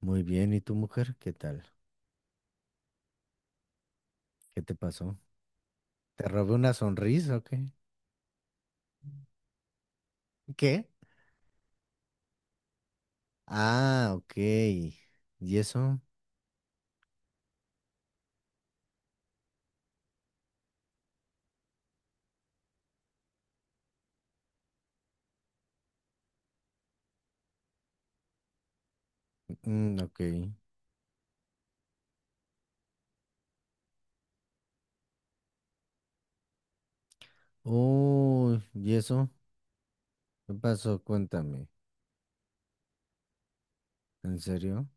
Muy bien, ¿y tu mujer? ¿Qué tal? ¿Qué te pasó? ¿Te robé una sonrisa o qué? ¿Qué? Ah, ok. ¿Y eso? Mm, ok. Uy, ¿y eso? ¿Qué pasó? Cuéntame. ¿En serio?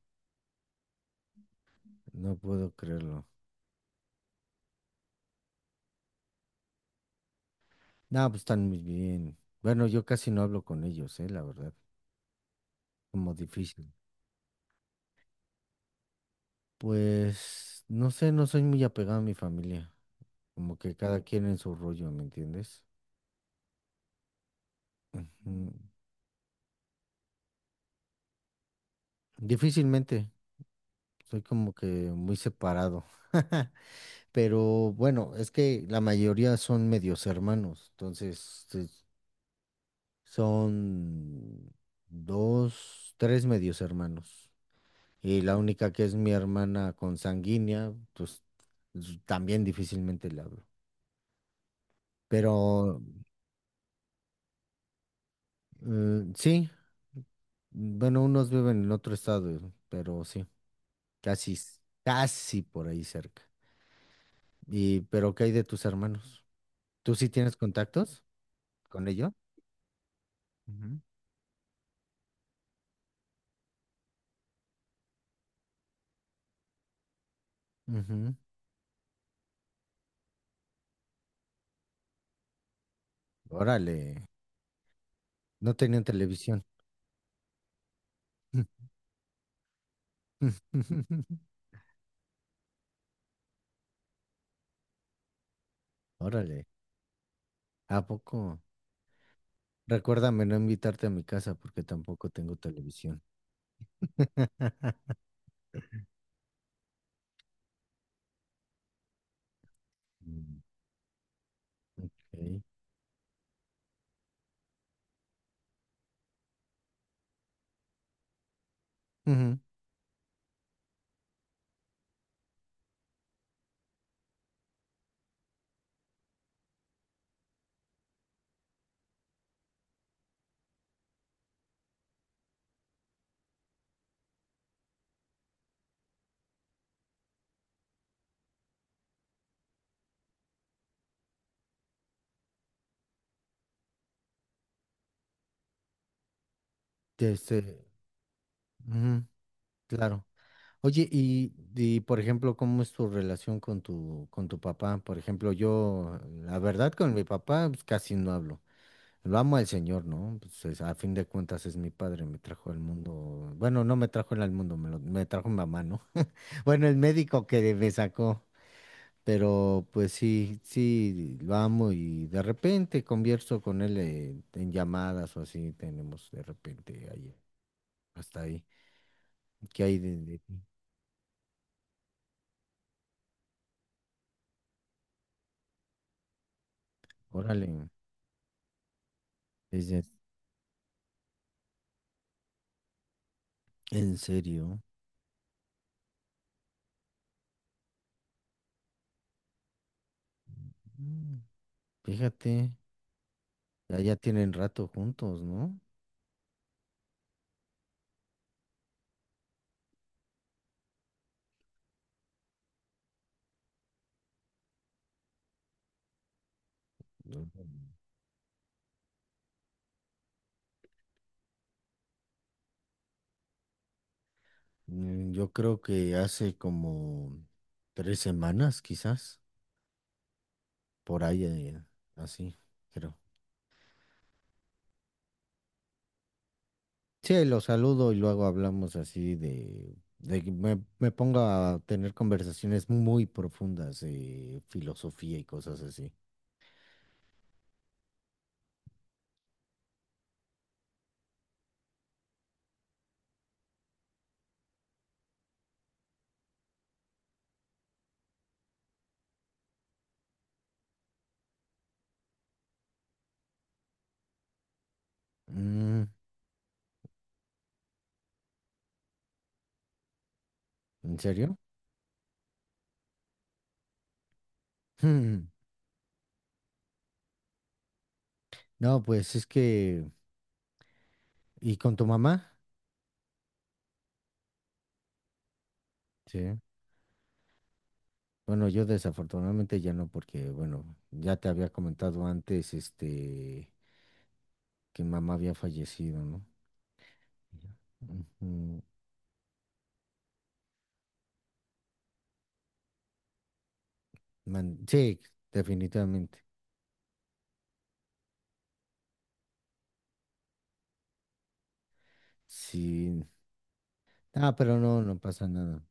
No puedo creerlo. No, pues están muy bien. Bueno, yo casi no hablo con ellos, la verdad. Como difícil. Pues, no sé, no soy muy apegado a mi familia. Como que cada quien en su rollo, ¿me entiendes? Ujú. Difícilmente. Soy como que muy separado. Pero bueno, es que la mayoría son medios hermanos. Entonces, sí, son dos, tres medios hermanos. Y la única que es mi hermana consanguínea, pues también difícilmente le hablo. Pero sí, bueno, unos viven en otro estado, pero sí, casi, casi por ahí cerca. Y, pero ¿qué hay de tus hermanos? ¿Tú sí tienes contactos? Con ello. Ujú. Ujú. Órale, no tenían televisión. Órale, ¿a poco? Recuérdame no invitarte a mi casa porque tampoco tengo televisión. Mm, ok. Ujú, de Este, ujú, claro. Oye, y, por ejemplo, ¿cómo es tu relación con tu papá? Por ejemplo, yo, la verdad, con mi papá pues, casi no hablo. Lo amo al Señor, ¿no? Pues, a fin de cuentas es mi padre, me trajo al mundo. Bueno, no me trajo él al mundo, me trajo mi mamá, ¿no? Bueno, el médico que me sacó, pero pues sí, sí, lo amo y de repente converso con él en llamadas o así, tenemos de repente ahí, hasta ahí. ¿Qué hay de ti? Órale, dice, ¿en serio? Mm, fíjate, ya, ya tienen rato juntos, ¿no? Mm, yo creo que hace como 3 semanas, quizás, por ahí, así, creo. Sí, lo saludo y luego hablamos así de que me pongo a tener conversaciones muy profundas de filosofía y cosas así. Mm, ¿en serio? Hmm, no, pues es que, ¿y con tu mamá? Sí. Bueno, yo desafortunadamente ya no, porque, bueno, ya te había comentado antes, que mamá había fallecido, ¿no? Ujú. Sí, definitivamente. Sí. Ah, pero no, no pasa nada.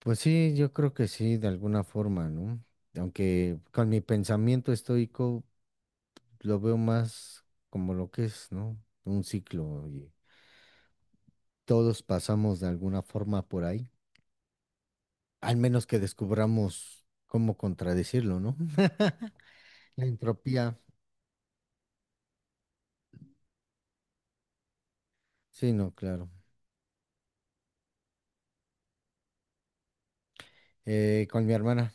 Pues sí, yo creo que sí, de alguna forma, ¿no? Aunque con mi pensamiento estoico lo veo más como lo que es, ¿no? Un ciclo y todos pasamos de alguna forma por ahí, al menos que descubramos cómo contradecirlo, ¿no? La entropía. Sí, no, claro. Con mi hermana,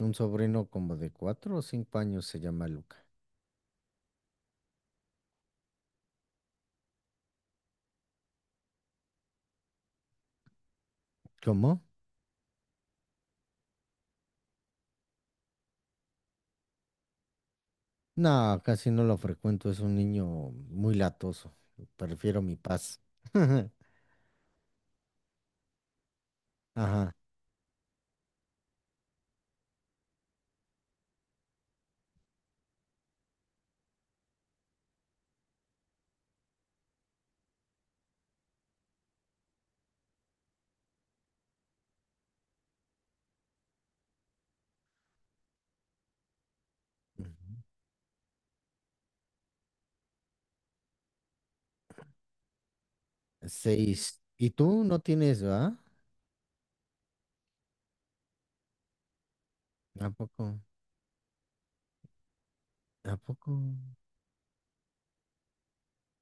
un sobrino como de 4 o 5 años se llama Luca. ¿Cómo? No, casi no lo frecuento, es un niño muy latoso. Prefiero mi paz. Ajá. Ujú. Seis. ¿Y tú no tienes, va? ¿A poco? ¿A poco?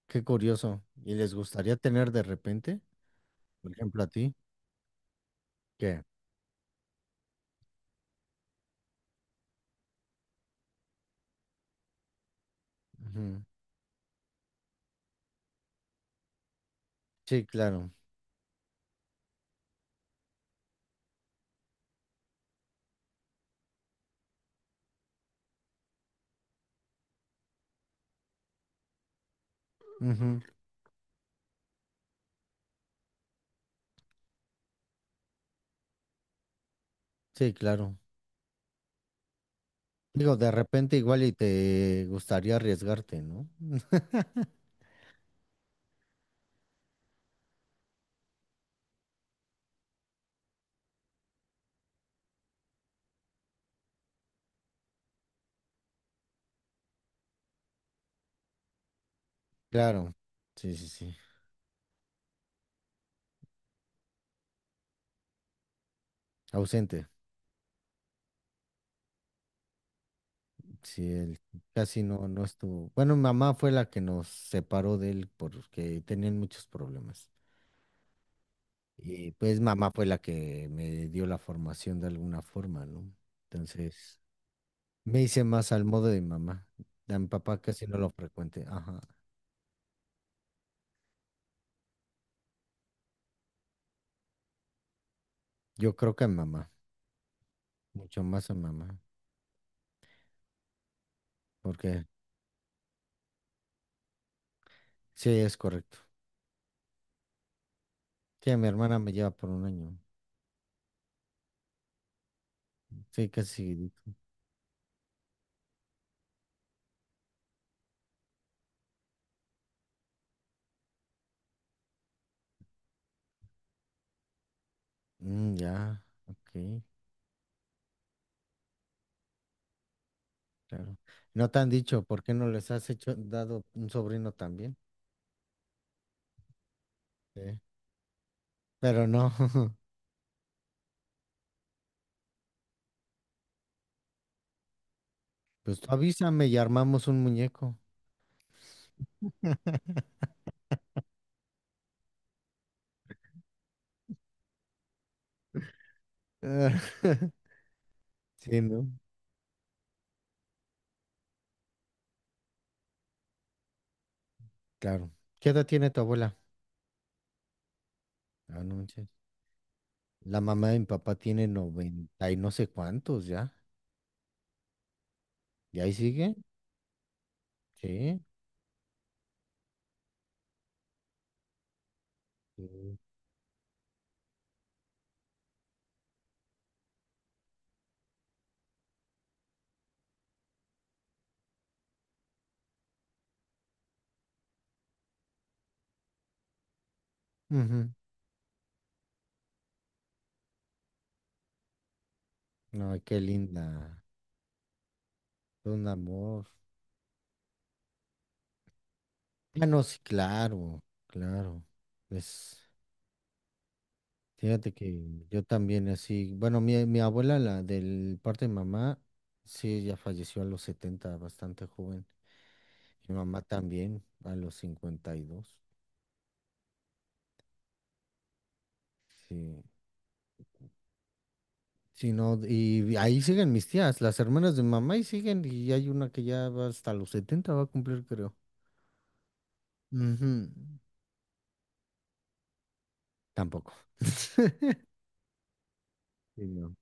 Qué curioso. ¿Y les gustaría tener de repente? Por ejemplo, a ti. ¿Qué? Ujú. Sí, claro. Ujú. Sí, claro. Digo, de repente igual y te gustaría arriesgarte, ¿no? Claro. Sí, sí, sí. Ausente. Sí, él casi no, no estuvo. Bueno, mi mamá fue la que nos separó de él porque tenían muchos problemas. Y pues mamá fue la que me dio la formación de alguna forma, ¿no? Entonces, me hice más al modo de mi mamá. A mi papá casi no lo frecuente. Ajá. Yo creo que a mi mamá, mucho más a mi mamá, porque sí, es correcto. Sí, a mi hermana me lleva por un año. Sí, casi, seguidito. Mm, ya, ok, claro. ¿No te han dicho por qué no les has hecho dado un sobrino también? Sí. Pero no, pues tú avísame y armamos un muñeco. Ah, Sí, ¿no? Claro. ¿Qué edad tiene tu abuela? Ah, no manches. La mamá de mi papá tiene 90 y no sé cuántos ya. ¿Y ahí sigue? Sí. Sí. Ujú. No, qué linda. Un amor. Ah, no, sí, claro, claro. Pues, fíjate que yo también así. Bueno, mi abuela, la del parte de mamá, sí, ya falleció a los 70, bastante joven. Mi mamá también, a los 52. Sí. Sí, no, y ahí siguen mis tías, las hermanas de mamá y siguen, y hay una que ya va hasta los 70 va a cumplir, creo. Ujú. Tampoco. Sí, no.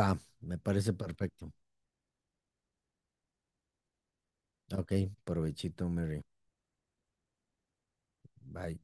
Va, me parece perfecto. Ok, provechito, Mary. Bye.